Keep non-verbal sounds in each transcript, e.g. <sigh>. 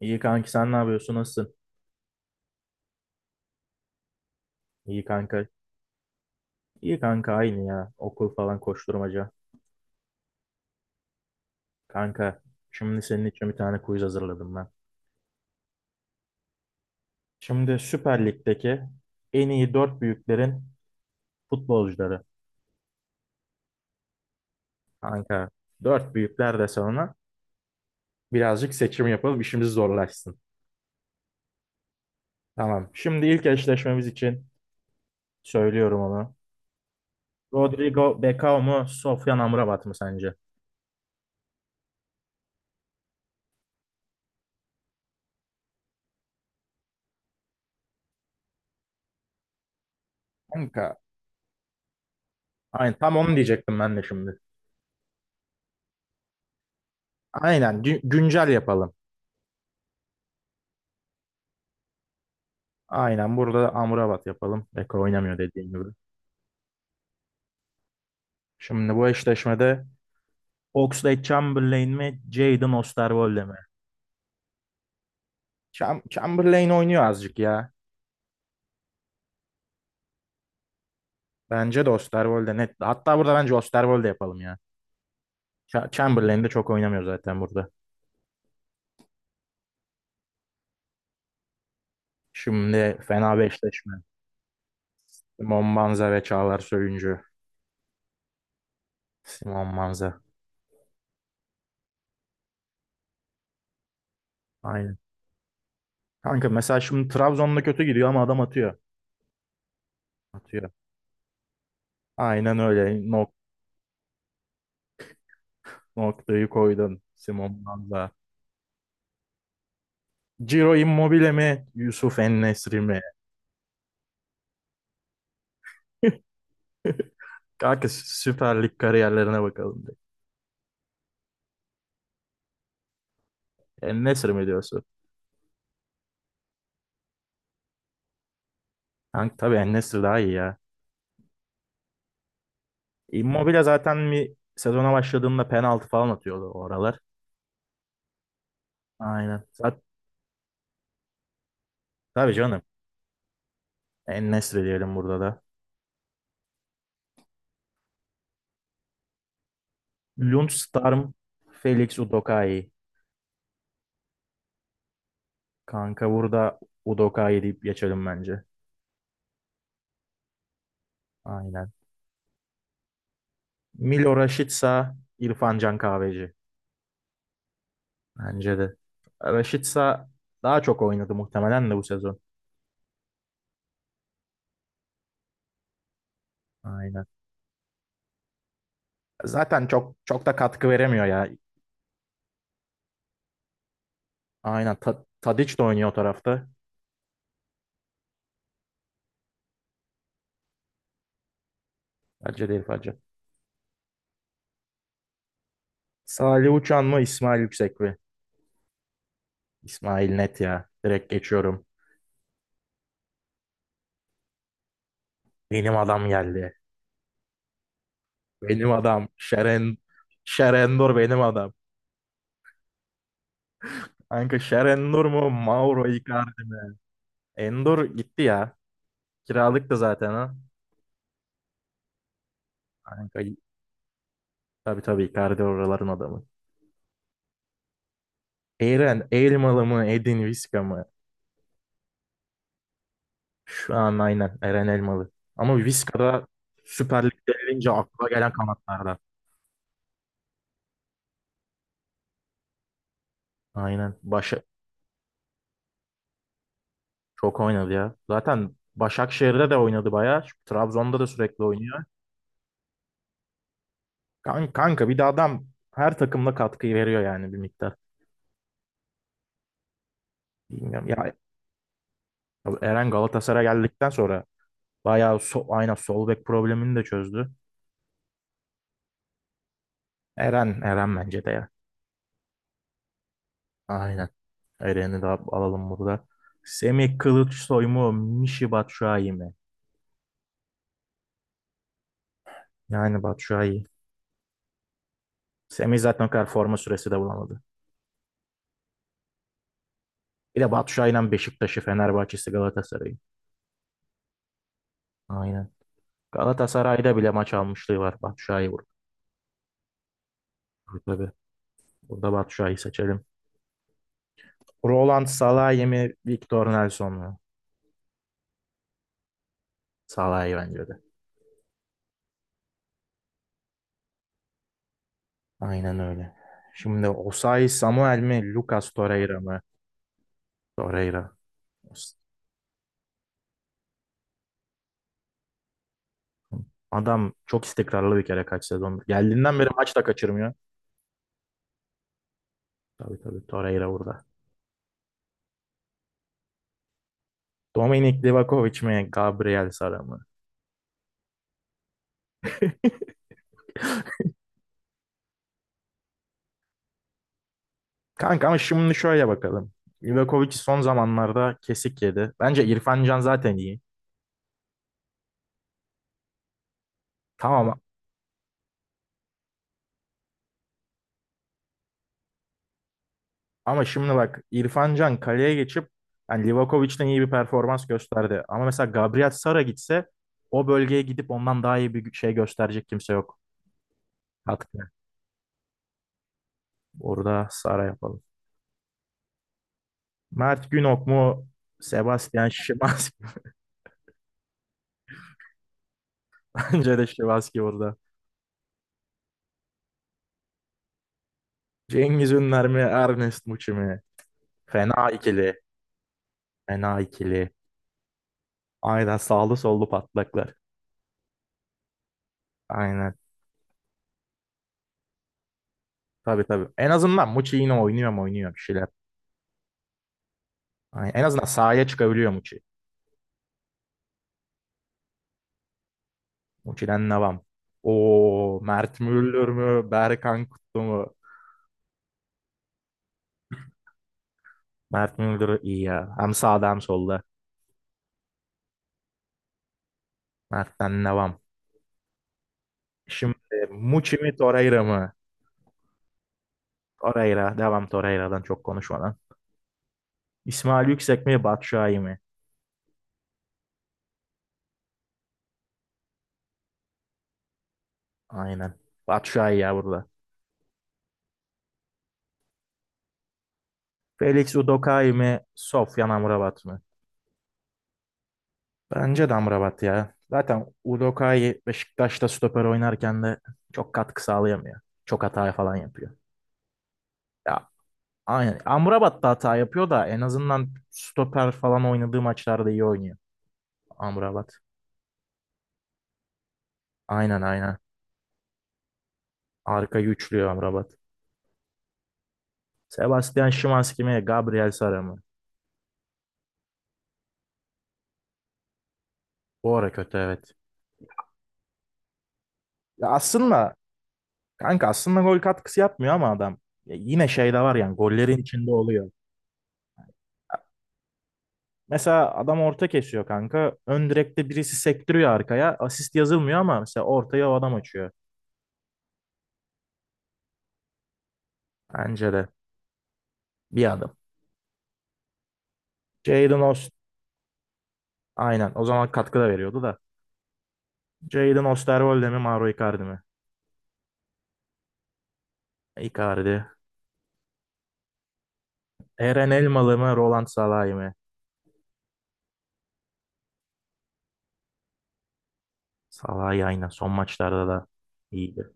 İyi kanki, sen ne yapıyorsun? Nasılsın? İyi kanka. İyi kanka, aynı ya. Okul falan, koşturmaca. Kanka, şimdi senin için bir tane quiz hazırladım ben. Şimdi Süper Lig'deki en iyi dört büyüklerin futbolcuları. Kanka, dört büyükler de sonra birazcık seçim yapalım, işimiz zorlaşsın. Tamam. Şimdi ilk eşleşmemiz için söylüyorum onu. Rodrigo Becao mu? Sofyan Amrabat mı sence? Kanka. Aynen, tam onu diyecektim ben de şimdi. Aynen, güncel yapalım. Aynen, burada da Amrabat yapalım. Beko oynamıyor, dediğin gibi. Şimdi bu eşleşmede Oxlade-Chamberlain mi, Jaden Osterwolde mi? Chamberlain oynuyor azıcık ya. Bence de Osterwolde net. Hatta burada bence Osterwolde yapalım ya. Chamberlain de çok oynamıyor zaten burada. Şimdi fena bir eşleşme. Simon Banza ve Çağlar Söyüncü. Simon Banza. Aynen. Kanka, mesela şimdi Trabzon'da kötü gidiyor ama adam atıyor. Atıyor. Aynen öyle. Noktayı koydun. Simon Banza. Ciro Immobile mi? Yusuf En-Nesyri mi? <laughs> Kanka, Süper Lig kariyerlerine bakalım direkt. En-Nesyri mi diyorsun? Kanka, tabii En-Nesyri daha iyi ya. Immobile zaten bir sezona başladığında penaltı falan atıyordu o aralar. Aynen. Tabii canım. En-Nesyri diyelim burada da. Lundstarm, Felix Udokai. Kanka, burada Udokai deyip geçelim bence. Aynen. Milo Rashica, İrfan Can Kahveci. Bence de. Raşit daha çok oynadı muhtemelen de bu sezon. Aynen. Zaten çok çok da katkı veremiyor ya. Aynen. Tadiç de oynuyor o tarafta. Bence değil, bence. Salih Uçan mı, İsmail Yüksek mi? İsmail net ya. Direkt geçiyorum. Benim adam geldi. Benim adam. Şerendur benim adam. Kanka, Şerendur mu? Mauro Icardi mi? Endur gitti ya. Kiralık da zaten, ha. Kanka, tabii tabii, Icardi oraların adamı. Eren Elmalı mı, Edin Viska mı? Şu an aynen Eren Elmalı. Ama Viska da Süper Lig'de gelince akla gelen kanatlarda. Aynen. Çok oynadı ya. Zaten Başakşehir'de de oynadı bayağı. Trabzon'da da sürekli oynuyor. Kanka, bir de adam her takımda katkıyı veriyor yani, bir miktar. Bilmiyorum. Ya Eren Galatasaray'a geldikten sonra bayağı aynen sol bek problemini de çözdü. Eren bence de ya. Aynen. Eren'i de alalım burada. Semih Kılıçsoy mu? Mişi Batshuayi mi? Yani Batshuayi. Semih zaten o kadar forma süresi de bulamadı. Bir de Batshuayi'nin Beşiktaş'ı, Fenerbahçe'si, Galatasaray'ı. Aynen. Galatasaray'da bile maç almışlığı var. Batshuayi burada. Tabii. Burada Batshuayi seçelim. Roland Salahi mı? Victor Nelson mu? Salahi bence de. Aynen öyle. Şimdi Osayi Samuel mi? Lucas Torreira mı? Torreira. Adam çok istikrarlı bir kere kaç sezondur. Geldiğinden beri maç da kaçırmıyor. Tabii tabii, Torreira burada. Dominik Livakovic mi, Gabriel Sara mı? Kanka, ama şimdi şöyle bakalım. Livakovic son zamanlarda kesik yedi. Bence İrfan Can zaten iyi. Tamam, ama şimdi bak, İrfan Can kaleye geçip yani Livakovic'den iyi bir performans gösterdi. Ama mesela Gabriel Sara gitse o bölgeye gidip ondan daha iyi bir şey gösterecek kimse yok. Hatta orada Sara yapalım. Mert Günok mu? Sebastian Szymanski. <laughs> Bence de Szymanski burada. Cengiz Ünler mi? Ernest Muçi mi? Fena ikili. Fena ikili. Aynen, sağlı sollu patlaklar. Aynen. Tabii tabii. En azından Muçi yine oynuyor mu, oynuyor bir şeyler. Aynen. En azından sahaya çıkabiliyor Muçi. Muçi'den devam. O Mert Müldür mü? Berkan Kutlu mu? Mert Müldür iyi ya. Hem sağda hem solda. Mert'ten devam. Şimdi Muçi mi, Torreira mı? Torreira. Devam Torreira'dan, çok konuşmadan. İsmail Yüksek mi, Batshuayi mi? Aynen. Batshuayi ya burada. Felix Udokai mi, Sofyan Amrabat mı? Bence de Amrabat ya. Zaten Udokai Beşiktaş'ta stoper oynarken de çok katkı sağlayamıyor. Çok hata falan yapıyor. Ya aynen. Amrabat da hata yapıyor da en azından stoper falan oynadığı maçlarda iyi oynuyor Amrabat. Aynen aynen. Arka güçlüyor Amrabat. Sebastian Szymański mi, Gabriel Sara mı? Bu ara kötü, evet. Ya aslında kanka, aslında gol katkısı yapmıyor ama adam ya yine şey de var, yani gollerin içinde oluyor. Mesela adam orta kesiyor kanka. Ön direkte birisi sektiriyor arkaya. Asist yazılmıyor ama mesela ortaya o adam açıyor. Bence de bir adım. Jadon Ost Aynen, o zaman katkı da veriyordu da. Jadon Osterwolde mi, Mauro Icardi mi? Icardi. Eren Elmalı mı, Roland Salah'ı mı? Salah'ı, aynen son maçlarda da iyiydi.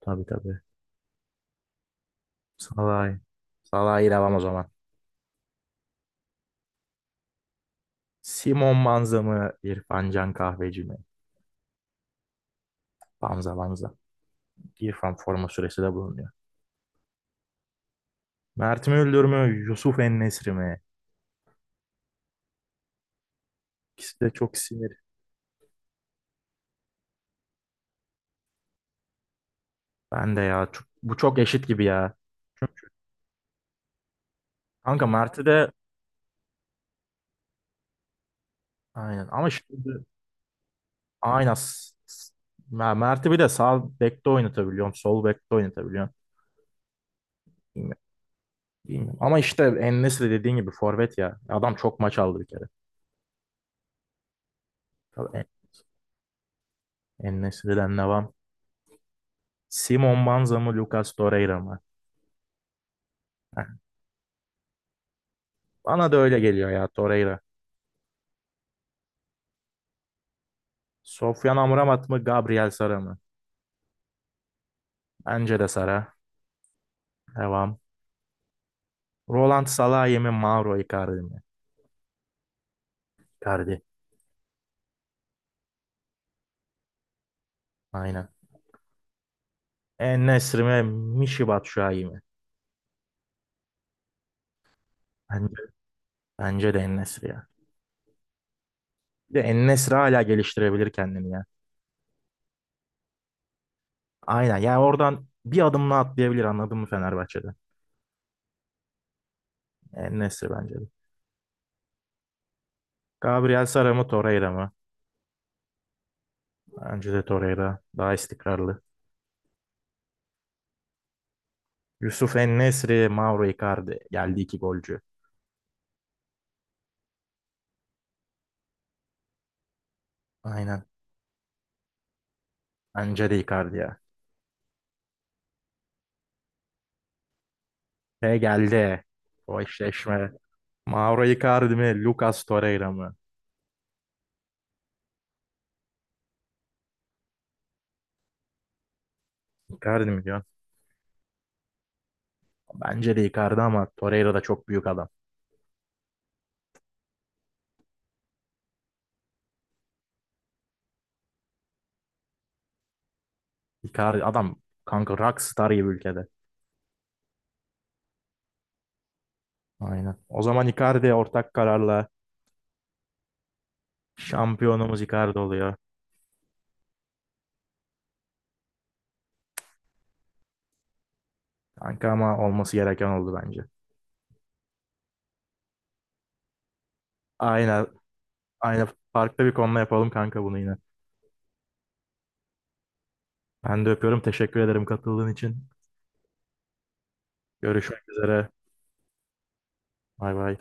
Tabii tabii. Salah'ı. Salah'ı devam o zaman. Simon Banza mı, İrfan Can Kahveci mi? Banza, Banza. İrfan forma süresi de bulunuyor. Mert mi Öldür mü, Yusuf En-Nesyri mi? İkisi de çok sinir. Ben de ya. Bu çok eşit gibi ya. Çünkü kanka Mert'i de aynen, ama şimdi aynen Mert'i bir de sağ bekte oynatabiliyorum. Sol bekte oynatabiliyorum. Bilmiyorum. Bilmiyorum. Ama işte En-Nesyri dediğin gibi forvet ya. Adam çok maç aldı bir kere. Tabii En- En-Nesyri'den devam. Simon Banza mı, Lucas Torreira mı? Bana da öyle geliyor ya, Torreira. Sofyan Amrabat mı, Gabriel Sara mı? Bence de Sara. Devam. Roland Salahi mi, Mauro Icardi mi? Icardi. Aynen. En-Nesyri mi, Michy Batshuayi mi? Bence, Bence de En-Nesyri ya. Bir de En-Nesyri hala geliştirebilir kendini ya. Aynen. Yani oradan bir adımla atlayabilir, anladın mı, Fenerbahçe'de? En-Nesyri bence de. Gabriel Sara mı, Torreira mı? Bence de Torreira. Daha istikrarlı. Yusuf En-Nesyri, Mauro Icardi. Geldi iki golcü. Aynen. Bence de Icardi ya. Ve geldi. O eşleşme. Mauro Icardi mi? Lucas Torreira mı? Icardi mi diyorsun? Bence de Icardi ama Torreira da çok büyük adam. Icardi adam kanka, rockstar gibi ülkede. Aynen. O zaman Icardi ortak kararla şampiyonumuz Icardi oluyor. Kanka, ama olması gereken oldu bence. Aynen. Aynen. Farklı bir konuda yapalım kanka bunu yine. Ben de öpüyorum. Teşekkür ederim katıldığın için. Görüşmek üzere. Bay bay.